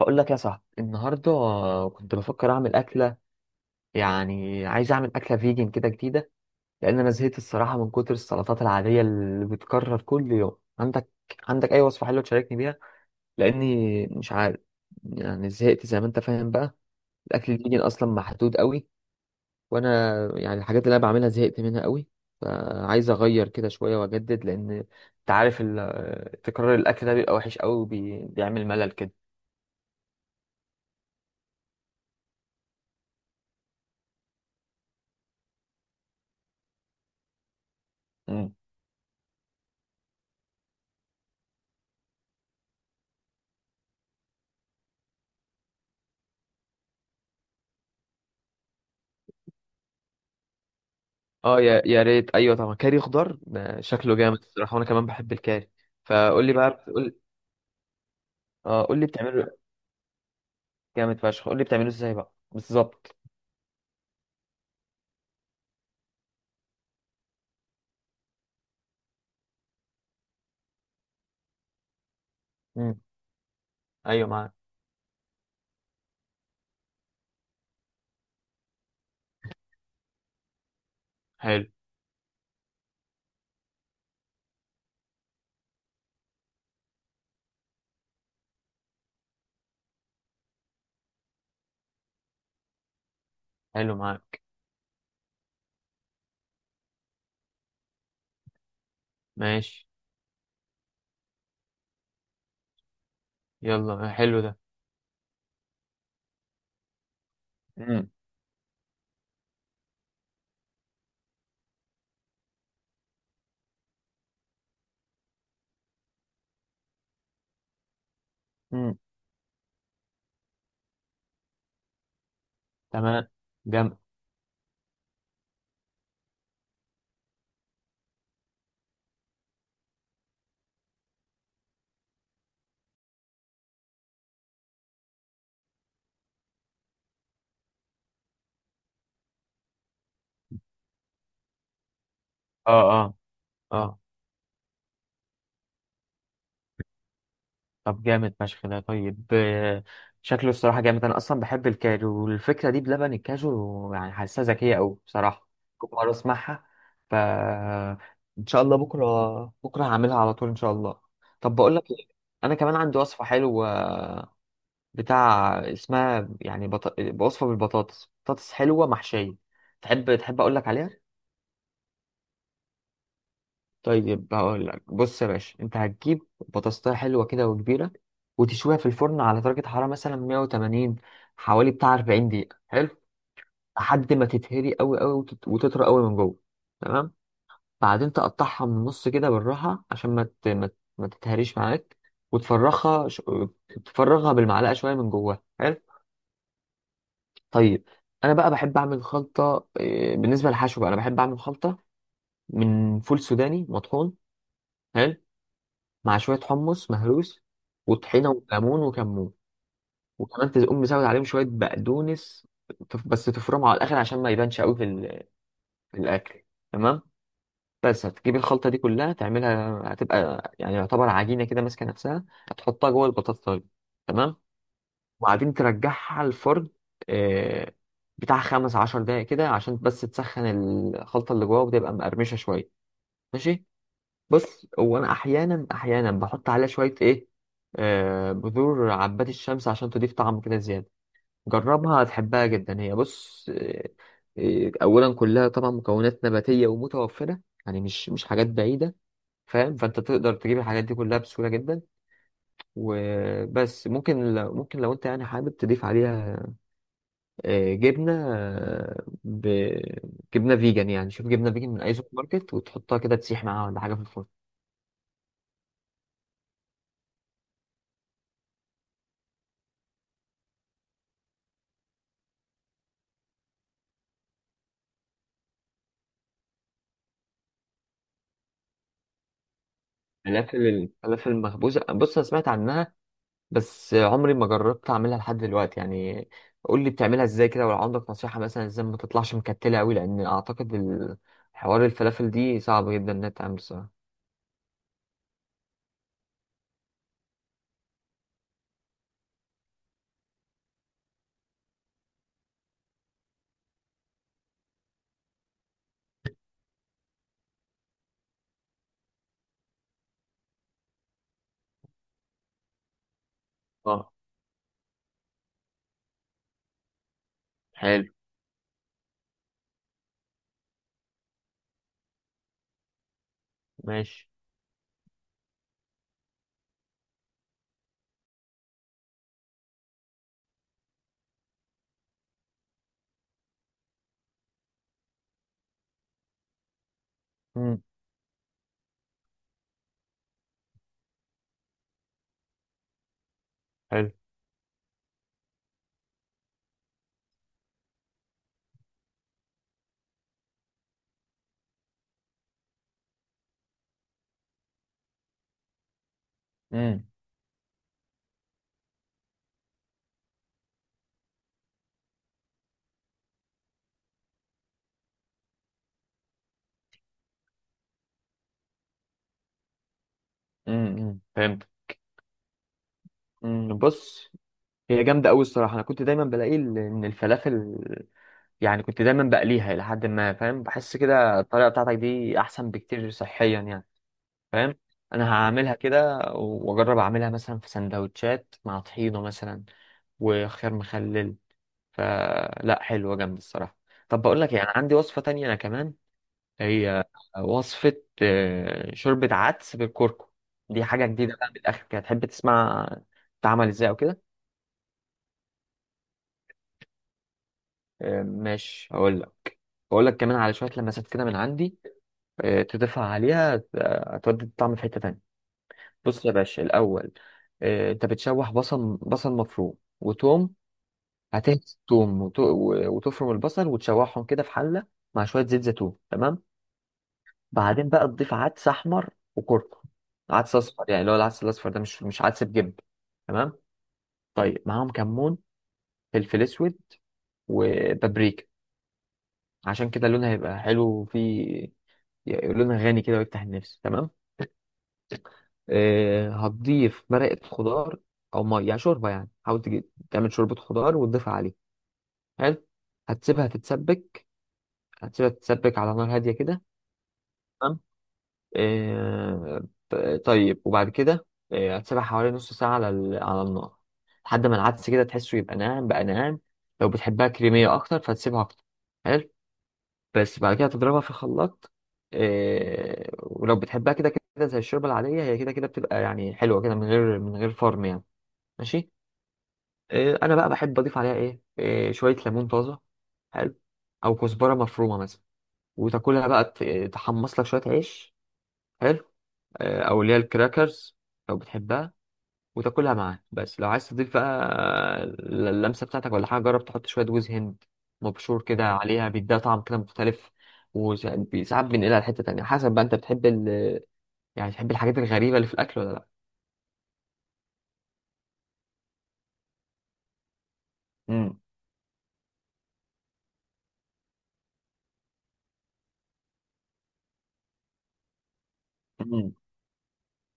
بقول لك يا صاحبي النهارده كنت بفكر اعمل اكله. يعني عايز اعمل اكله فيجن كده جديده، لان انا زهقت الصراحه من كتر السلطات العاديه اللي بتكرر كل يوم. عندك اي وصفه حلوه تشاركني بيها؟ لاني مش عارف، يعني زهقت زي ما انت فاهم بقى. الاكل الفيجن اصلا محدود قوي، وانا يعني الحاجات اللي انا بعملها زهقت منها قوي، فعايز اغير كده شويه واجدد. لان انت عارف تكرار الاكل ده بيبقى وحش قوي وبيعمل ملل كده. اه، يا ريت، ايوه طبعا، كاري خضار ده شكله جامد الصراحه، وانا كمان بحب الكاري. فقول لي بقى، قول. اه، قول لي بتعمله، جامد فشخ، قول لي بتعمله ازاي بقى بالظبط. امم، ايوه معاك. حلو، حلو معاك. ماشي، يلا حلو ده. امم، امم، تمام، جامد، اه، اه، اه. طب جامد فشخ ده، طيب. شكله الصراحة جامد، أنا أصلا بحب الكاجو، والفكرة دي بلبن الكاجو يعني حاسسها ذكية أوي بصراحة. كنت مرة أسمعها. ف إن شاء الله بكرة بكرة هعملها على طول إن شاء الله. طب بقول لك إيه، أنا كمان عندي وصفة حلوة، بتاع اسمها يعني وصفة بالبطاطس، بطاطس حلوة محشية. تحب أقول لك عليها؟ طيب، هقول لك. بص يا باشا، انت هتجيب بطاطساية حلوه كده وكبيره، وتشويها في الفرن على درجه حراره مثلا 180، حوالي بتاع 40 دقيقه. حلو. لحد ما تتهري قوي قوي وتطرى قوي من جوه. تمام. بعدين تقطعها من النص كده بالراحه، عشان ما تتهريش معاك. وتفرغها ش... تفرغها بالمعلقه شويه من جواها. حلو. طيب، انا بقى بحب اعمل خلطه. اه، بالنسبه للحشو بقى، انا بحب اعمل خلطه من فول سوداني مطحون. حلو. مع شوية حمص مهروس، وطحينة وليمون وكمون. وكمان تقوم مزود عليهم شوية بقدونس. بس تفرمه على الآخر عشان ما يبانش قوي في، في الأكل. تمام. بس هتجيب الخلطة دي كلها تعملها، هتبقى يعني يعتبر عجينة كده ماسكة نفسها، هتحطها جوه البطاطس. طيب، تمام. وبعدين ترجعها على الفرن، آه، بتاع 15 دقايق كده، عشان بس تسخن الخلطة اللي جواها وتبقى مقرمشة شوية. ماشي. بص هو انا احيانا احيانا بحط عليها شويه ايه، بذور عباد الشمس عشان تضيف طعم كده زياده. جربها هتحبها جدا. هي بص، اولا كلها طبعا مكونات نباتيه ومتوفره، يعني مش حاجات بعيده، فاهم. فانت تقدر تجيب الحاجات دي كلها بسهوله جدا. وبس ممكن، لو لو انت يعني حابب تضيف عليها جبنه، جبنه فيجن، يعني شوف جبنه فيجن من اي سوبر ماركت وتحطها كده تسيح معاها ولا حاجه في الفرن. فلافل، الفلافل المخبوزة، بص أنا سمعت عنها، بس عمري ما جربت أعملها لحد دلوقتي يعني. قول لي بتعملها إزاي كده، ولو عندك نصيحة مثلا إزاي ما تطلعش مكتلة أوي، لأن أعتقد حوار الفلافل دي صعب جدا إنها تتعمل الصراحة. اه، حلو، ماشي. امم. حلو. امم. امم، فهمت. امم، بص، هي جامدة أوي الصراحة. أنا كنت دايما بلاقي إن الفلافل، يعني كنت دايما بقليها إلى حد ما، فاهم، بحس كده الطريقة بتاعتك دي أحسن بكتير صحيا يعني. فاهم، انا هعملها كده واجرب اعملها مثلا في سندوتشات مع طحينه مثلا، وخيار مخلل. فلا حلوه جامده الصراحه. طب بقول لك، يعني عندي وصفه تانية انا كمان. هي وصفه شوربه عدس بالكركم. دي حاجه جديده بقى من الاخر كده، تحب تسمع تعمل ازاي او كده؟ ماشي، هقول لك. هقول لك كمان على شويه لمسات كده من عندي، تضيفها عليها، هتودي الطعم في حته تانية. بص يا باشا الاول، انت بتشوح بصل، مفروم وتوم. هتهرس توم، وتفرم البصل وتشوحهم كده في حله مع شويه زيت زيتون. تمام. بعدين بقى تضيف عدس احمر وكركم، عدس اصفر، يعني اللي هو العدس الاصفر ده مش عدس بجنب. تمام. طيب معاهم كمون، فلفل اسود، وبابريكا، عشان كده لونها هيبقى حلو، وفي لونها غني كده، ويفتح النفس. تمام. هتضيف مرقة خضار، أو مية يعني شوربة، يعني حاول تعمل شوربة خضار وتضيفها عليه. حلو. هتسيبها تتسبك، هتسيبها تتسبك على نار هادية كده. تمام. آه، ط- طيب، وبعد كده هتسيبها حوالي نص ساعة على على النار، لحد ما العدس كده تحسه يبقى ناعم، بقى ناعم. لو بتحبها كريمية أكتر فتسيبها أكتر. حلو. بس بعد كده تضربها في خلاط. ولو بتحبها كده كده زي الشوربة العادية، هي كده كده بتبقى يعني حلوة كده من غير فرم يعني. ماشي. انا بقى بحب اضيف عليها ايه, إيه شويه ليمون طازه. حلو. او كزبره مفرومه مثلا، وتاكلها بقى، تحمص لك شويه عيش. حلو. او اللي هي الكراكرز لو بتحبها، وتاكلها معاه. بس لو عايز تضيف بقى اللمسه بتاعتك ولا حاجه، جرب تحط شويه جوز هند مبشور كده عليها، بيديها طعم كده مختلف. وساعات بينقلها لحته تانية، حسب بقى انت بتحب يعني بتحب الحاجات الغريبه اللي في الاكل ولا لا. امم.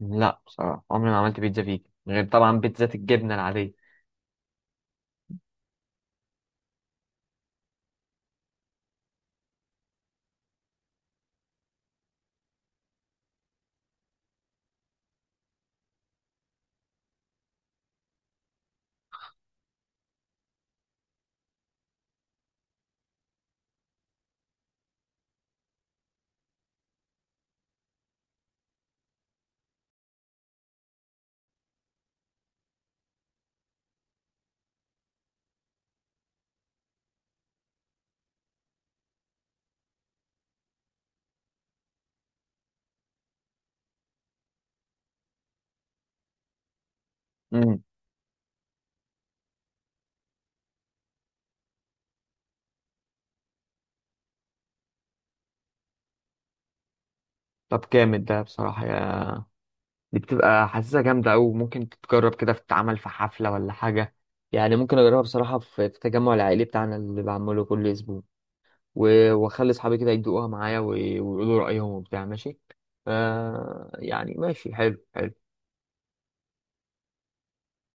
لا بصراحه عمري ما عملت بيتزا فيجن، غير طبعا بيتزا الجبنه العاديه. مم. طب جامد ده بصراحة، يا، دي بتبقى حاسسها جامدة أوي، ممكن تتجرب كده في، اتعمل في حفلة ولا حاجة، يعني ممكن أجربها بصراحة في التجمع العائلي بتاعنا اللي بعمله كل أسبوع. وأخلي أصحابي كده يدوقوها معايا، ويقولوا رأيهم وبتاع. ماشي، آه، يعني ماشي، حلو حلو.